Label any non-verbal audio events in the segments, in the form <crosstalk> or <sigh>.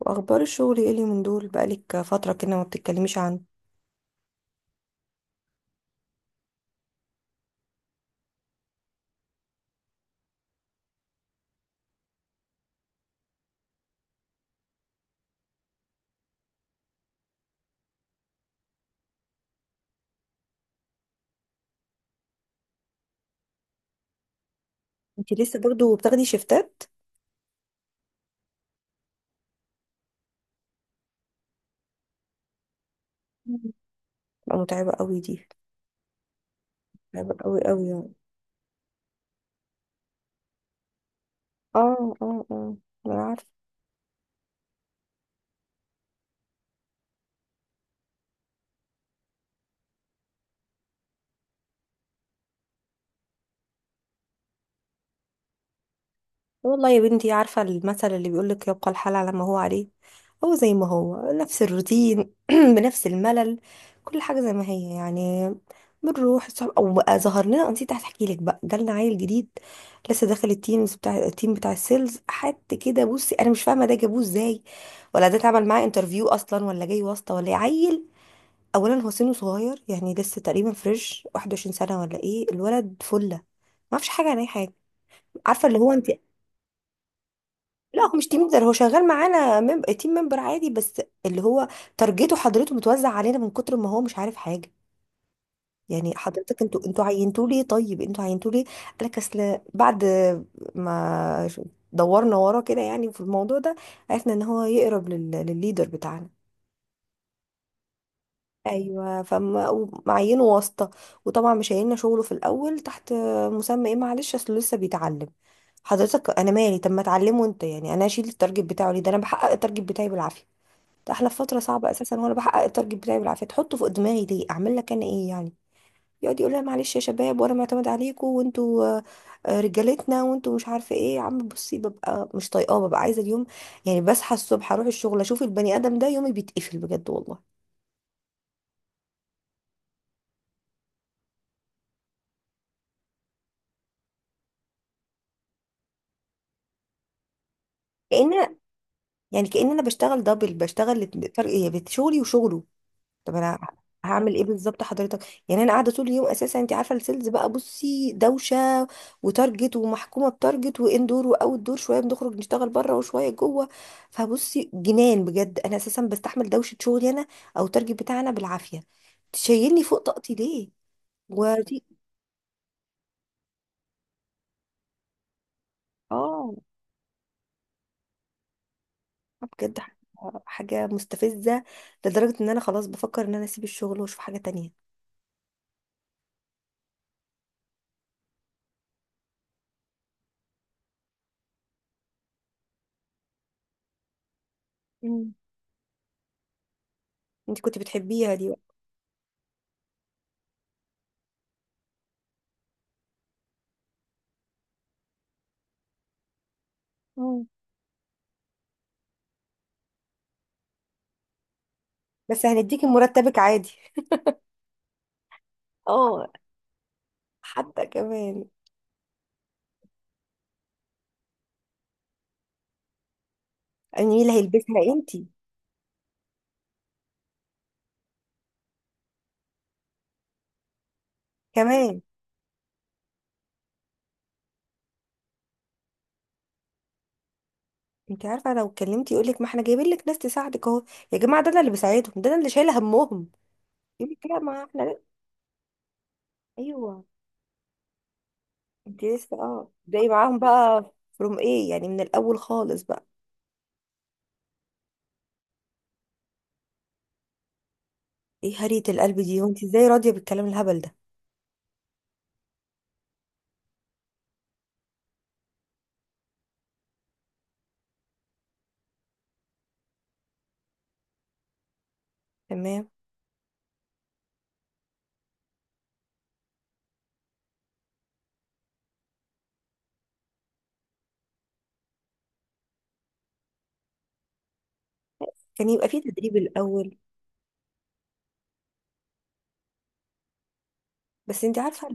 واخبار الشغل ايه اللي من دول بقالك فتره كده ما بتتكلميش عنه؟ انت لسه برضو بتاخدي شيفتات؟ مم. بقى متعبه قوي دي. متعبه قوي قوي يعني. اه، اه، اه. انا عارفه. والله يا بنتي، عارفه المثل اللي بيقول لك، يبقى الحال على ما هو عليه. هو زي ما هو نفس الروتين <clears throat> بنفس الملل. كل حاجة زي ما هي يعني. بنروح الصبح او بقى ظهر لنا، أنا نسيت احكي لك، بقى جالنا عيل جديد. لسه داخل التيمز بتاع التيم بتاع السيلز، حد كده بصي انا مش فاهمه ده جابوه ازاي، ولا ده اتعمل معاه انترفيو اصلا، ولا جاي واسطه، ولا إيه. عيل، اولا هو سنه صغير، يعني لسه تقريبا فريش 21 سنه، ولا ايه الولد فله، ما اعرفش حاجه عن اي حاجه. عارفه اللي هو انت. لا، هو مش تيم ليدر، هو شغال معانا تيم ممبر عادي، بس اللي هو تارجته حضرته متوزع علينا من كتر ما هو مش عارف حاجه. يعني حضرتك، انتوا عينتوه ليه؟ طيب انتوا عينتوه ليه؟ قال لك اصل بعد ما ش- دورنا وراه كده يعني في الموضوع ده، عرفنا ان هو يقرب للليدر بتاعنا. ايوه، فمعينه واسطه. وطبعا مش هيلنا شغله في الاول تحت مسمى ايه؟ معلش، اصله لسه بيتعلم. حضرتك انا مالي، طب ما اتعلمه انت، يعني انا اشيل التارجت بتاعه ليه؟ ده انا بحقق التارجت بتاعي بالعافيه. ده احلى في فتره صعبه اساسا، وانا بحقق التارجت بتاعي بالعافيه، تحطه فوق دماغي ليه؟ اعمل لك انا ايه يعني. يقعد يقول لها معلش يا شباب، وانا معتمد عليكم، وانتوا رجالتنا، وانتوا مش عارفه ايه. يا عم بصي ببقى مش طايقاه، ببقى عايزه اليوم، يعني بصحى الصبح اروح الشغل اشوف البني ادم ده، يومي بيتقفل بجد والله. كأن، يعني كأن انا بشتغل دبل، بشتغل. فرق إيه؟ شغلي وشغله. طب انا هعمل ايه بالظبط حضرتك؟ يعني انا قاعده طول اليوم اساسا، انت عارفه السيلز بقى، بصي دوشه وتارجت، ومحكومه بتارجت، واندور واوت دور، شويه بنخرج نشتغل بره وشويه جوه. فبصي جنان بجد، انا اساسا بستحمل دوشه شغلي انا، او التارجت بتاعنا بالعافيه، تشيلني فوق طاقتي ليه؟ ودي. اه، بجد حاجه مستفزه، لدرجه ان انا خلاص بفكر ان انا اسيب الشغل واشوف حاجه تانية. مم. انت كنت بتحبيها دي بقى. مم. بس هنديكي مرتبك عادي. اه، حتى كمان. يعني مين اللي هيلبسها؟ انتي. كمان. انتي عارفه لو اتكلمتي يقول لك، ما احنا جايبين لك ناس تساعدك اهو. يا جماعه، ده انا اللي بساعدهم، ده انا اللي شايله همهم. يقول لك لا، ما احنا لا. ايوه، انتي لسه جاي معاهم بقى، فروم ايه يعني، من الاول خالص بقى. ايه هرية القلب دي؟ وانتي ازاي راضيه بالكلام الهبل ده؟ تمام. كان يبقى في تدريب الاول. بس انتي عارفه،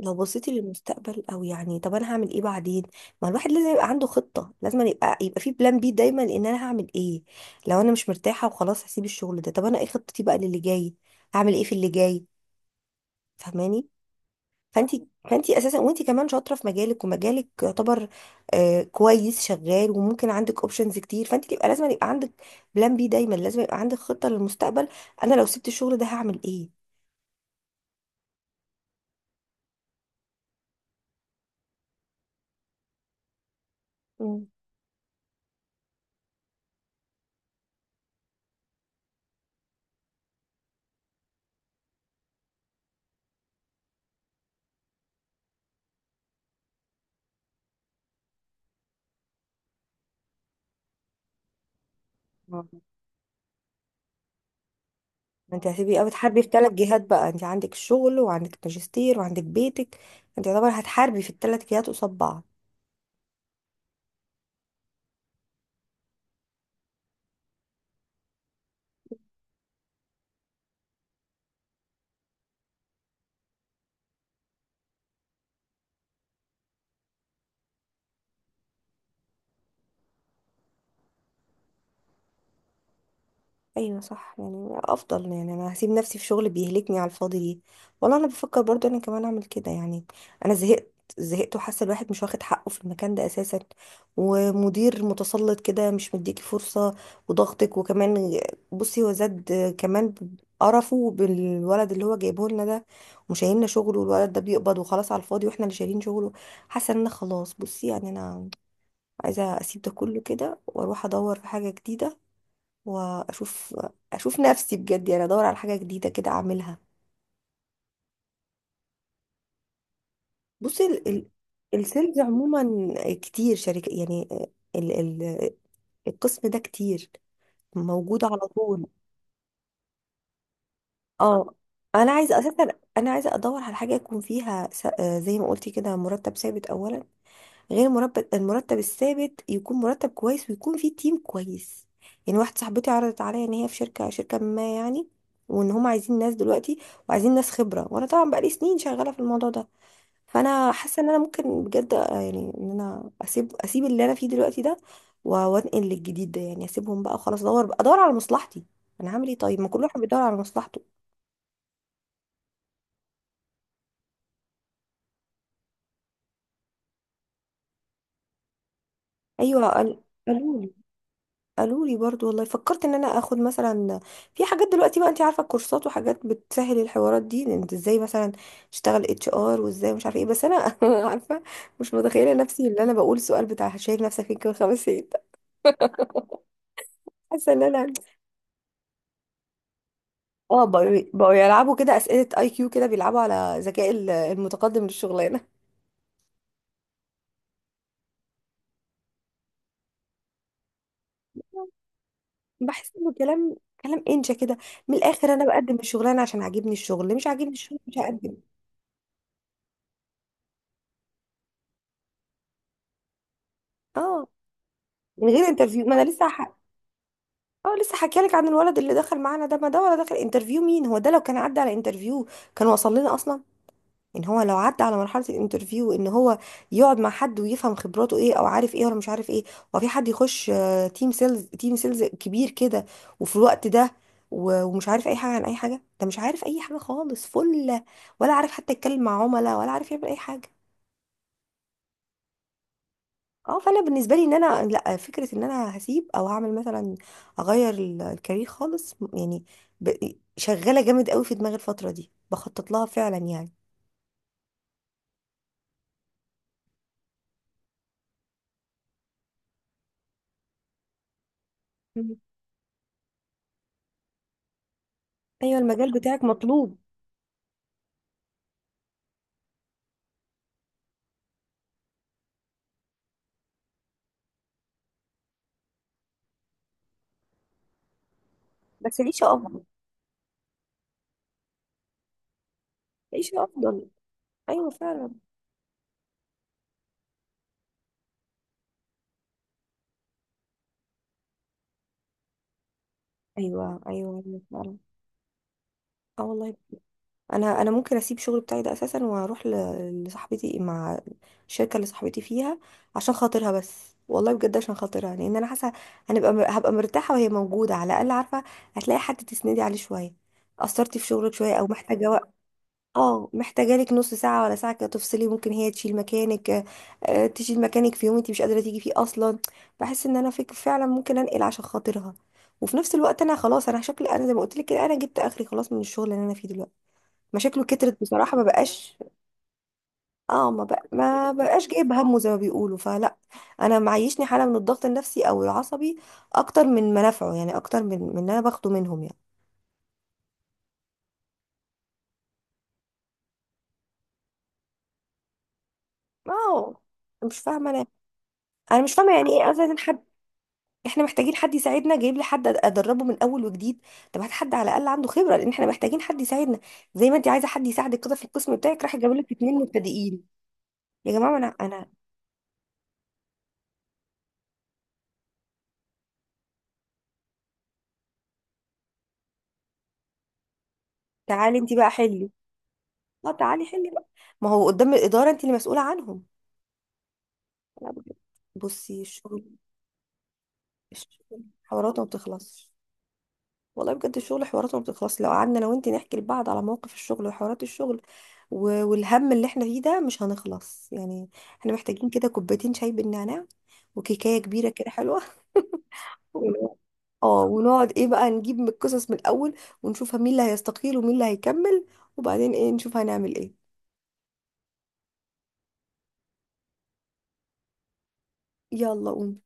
لو بصيتي للمستقبل، او يعني طب انا هعمل ايه بعدين؟ ما الواحد لازم يبقى عنده خطة، لازم يبقى في بلان بي دايما، ان انا هعمل ايه لو انا مش مرتاحة وخلاص هسيب الشغل ده. طب انا ايه خطتي بقى للي جاي؟ هعمل ايه في اللي جاي؟ فاهماني. فانتي اساسا، وانتي كمان شاطرة في مجالك، ومجالك يعتبر كويس، شغال، وممكن عندك اوبشنز كتير، فانتي يبقى لازم يبقى عندك بلان بي دايما، لازم يبقى عندك خطة للمستقبل. انا لو سبت الشغل ده هعمل ايه؟ مم. ما انت هتبقي بقى بتحاربي في 3 جهات بقى، انت عندك الشغل، وعندك الماجستير، وعندك بيتك. انت يعتبر هتحاربي في ال3 جهات قصاد بعض. ايوه صح، يعني افضل، يعني انا هسيب نفسي في شغل بيهلكني على الفاضي ليه؟ والله انا بفكر برضو انا كمان اعمل كده يعني. انا زهقت. زهقت، وحاسه الواحد مش واخد حقه في المكان ده اساسا، ومدير متسلط كده، مش مديكي فرصه، وضغطك وكمان، بصي هو زاد كمان قرفه بالولد اللي هو جايبه لنا ده، وشايلنا شغله، والولد ده بيقبض وخلاص على الفاضي، واحنا اللي شايلين شغله. حاسه ان انا خلاص، بصي يعني انا عايزه اسيب ده كله كده، واروح ادور في حاجه جديده، واشوف، اشوف نفسي بجد، يعني ادور على حاجه جديده كده اعملها. بصي السيلز عموما، كتير شركه يعني، ال... ال... القسم ده كتير، موجود على طول. اه، انا عايزه اساسا، انا عايزه ادور على حاجه يكون فيها س... آه، زي ما قلتي كده، مرتب ثابت اولا، غير مرتب، المرتب الثابت يكون مرتب كويس، ويكون فيه تيم كويس. يعني واحده صاحبتي عرضت عليا ان هي في شركه ما يعني، وان هم عايزين ناس دلوقتي، وعايزين ناس خبره، وانا طبعا بقالي سنين شغاله في الموضوع ده، فانا حاسه ان انا ممكن بجد، يعني ان انا اسيب اللي انا فيه دلوقتي ده، وانقل للجديد ده، يعني اسيبهم بقى وخلاص، ادور على مصلحتي. انا هعمل ايه طيب؟ ما كل واحد بيدور على مصلحته. ايوه، قالوا قالوا لي برضو، والله فكرت ان انا اخد مثلا، في حاجات دلوقتي بقى انت عارفه، الكورسات وحاجات بتسهل الحوارات دي، إن انت ازاي مثلا تشتغل HR، وازاي مش عارفه ايه، بس انا <laughs> عارفه، مش متخيله نفسي اللي انا بقول سؤال بتاع شايف نفسك فين كمان 5 سنين. <laughs> حاسه ان انا، اه، بقوا يلعبوا كده اسئله IQ كده، بيلعبوا على ذكاء المتقدم للشغلانه. <laughs> بحس انه كلام انشا كده. من الاخر انا بقدم الشغلانه عشان عاجبني الشغل، مش عاجبني الشغل مش هقدم. اه، من غير انترفيو. ما انا لسه، اه لسه حكيالك لك عن الولد اللي دخل معانا ده، ما ده ولا دخل انترفيو. مين هو ده؟ لو كان عدى على انترفيو كان وصل لنا اصلا ان هو لو عدى على مرحله الانترفيو، ان هو يقعد مع حد ويفهم خبراته ايه، او عارف ايه ولا مش عارف ايه. وفي حد يخش تيم سيلز كبير كده، وفي الوقت ده، ومش عارف اي حاجه عن اي حاجه. ده مش عارف اي حاجه خالص فله، ولا عارف حتى يتكلم مع عملاء، ولا عارف يعمل اي حاجه. اه، فانا بالنسبه لي ان انا لا، فكره ان انا هسيب او هعمل مثلا، اغير الكارير خالص، يعني، شغاله جامد قوي في دماغي الفتره دي، بخطط لها فعلا يعني. مم. ايوه المجال بتاعك مطلوب. بس عيشه افضل. عيشه افضل، ايوه فعلا. ايوه، ايوه، ايوه، فعلا. اه والله، انا ممكن اسيب الشغل بتاعي ده اساسا، واروح لصاحبتي، مع الشركه اللي صاحبتي فيها، عشان خاطرها بس، والله بجد عشان خاطرها، لان انا حاسه هنبقى هبقى مرتاحه، وهي موجوده على الاقل عارفه، هتلاقي حد تسندي عليه شويه، قصرتي في شغلك شويه، او محتاجه وقت، اه محتاجه لك نص ساعه ولا ساعه كده تفصلي، ممكن هي تشيل مكانك، تشيل مكانك في يوم انت مش قادره تيجي فيه اصلا. بحس ان انا فك فعلا، ممكن انقل عشان خاطرها، وفي نفس الوقت انا خلاص، انا شكلي انا زي ما قلت لك كده، انا جبت اخري خلاص من الشغل اللي انا فيه دلوقتي، مشاكله كترت بصراحة، ما بقاش، اه ما بقاش جايب همه زي ما بيقولوا فلا. انا معيشني حالة من الضغط النفسي او العصبي اكتر من منافعه، يعني اكتر من اللي انا باخده منهم يعني. اه، مش فاهمة انا، انا مش فاهمة يعني ايه اصلا. حد، احنا محتاجين حد يساعدنا، جايب لي حد ادربه من اول وجديد. طب هات حد على الاقل عنده خبرة، لان احنا محتاجين حد يساعدنا. زي ما انت عايزة حد يساعدك كده في القسم بتاعك، راح جايب لك 2 مبتدئين. يا جماعة انا. تعالي انت بقى حلي. اه، تعالي حلي بقى. ما هو قدام الإدارة انت اللي مسؤولة عنهم. لا بجد. بصي الشغل، الشغل حواراته ما بتخلصش. والله بجد الشغل حواراته ما بتخلصش، لو قعدنا انا وانتي نحكي لبعض على مواقف الشغل وحوارات الشغل، والهم اللي احنا فيه ده، مش هنخلص يعني. احنا محتاجين كده كوبايتين شاي بالنعناع، وكيكاية كبيرة كده حلوة. <laughs> ونقعد- اه، ونقعد ايه بقى، نجيب من القصص من الأول، ونشوفها مين اللي هيستقيل ومين اللي هيكمل، وبعدين ايه نشوف هنعمل ايه. يلا قوم.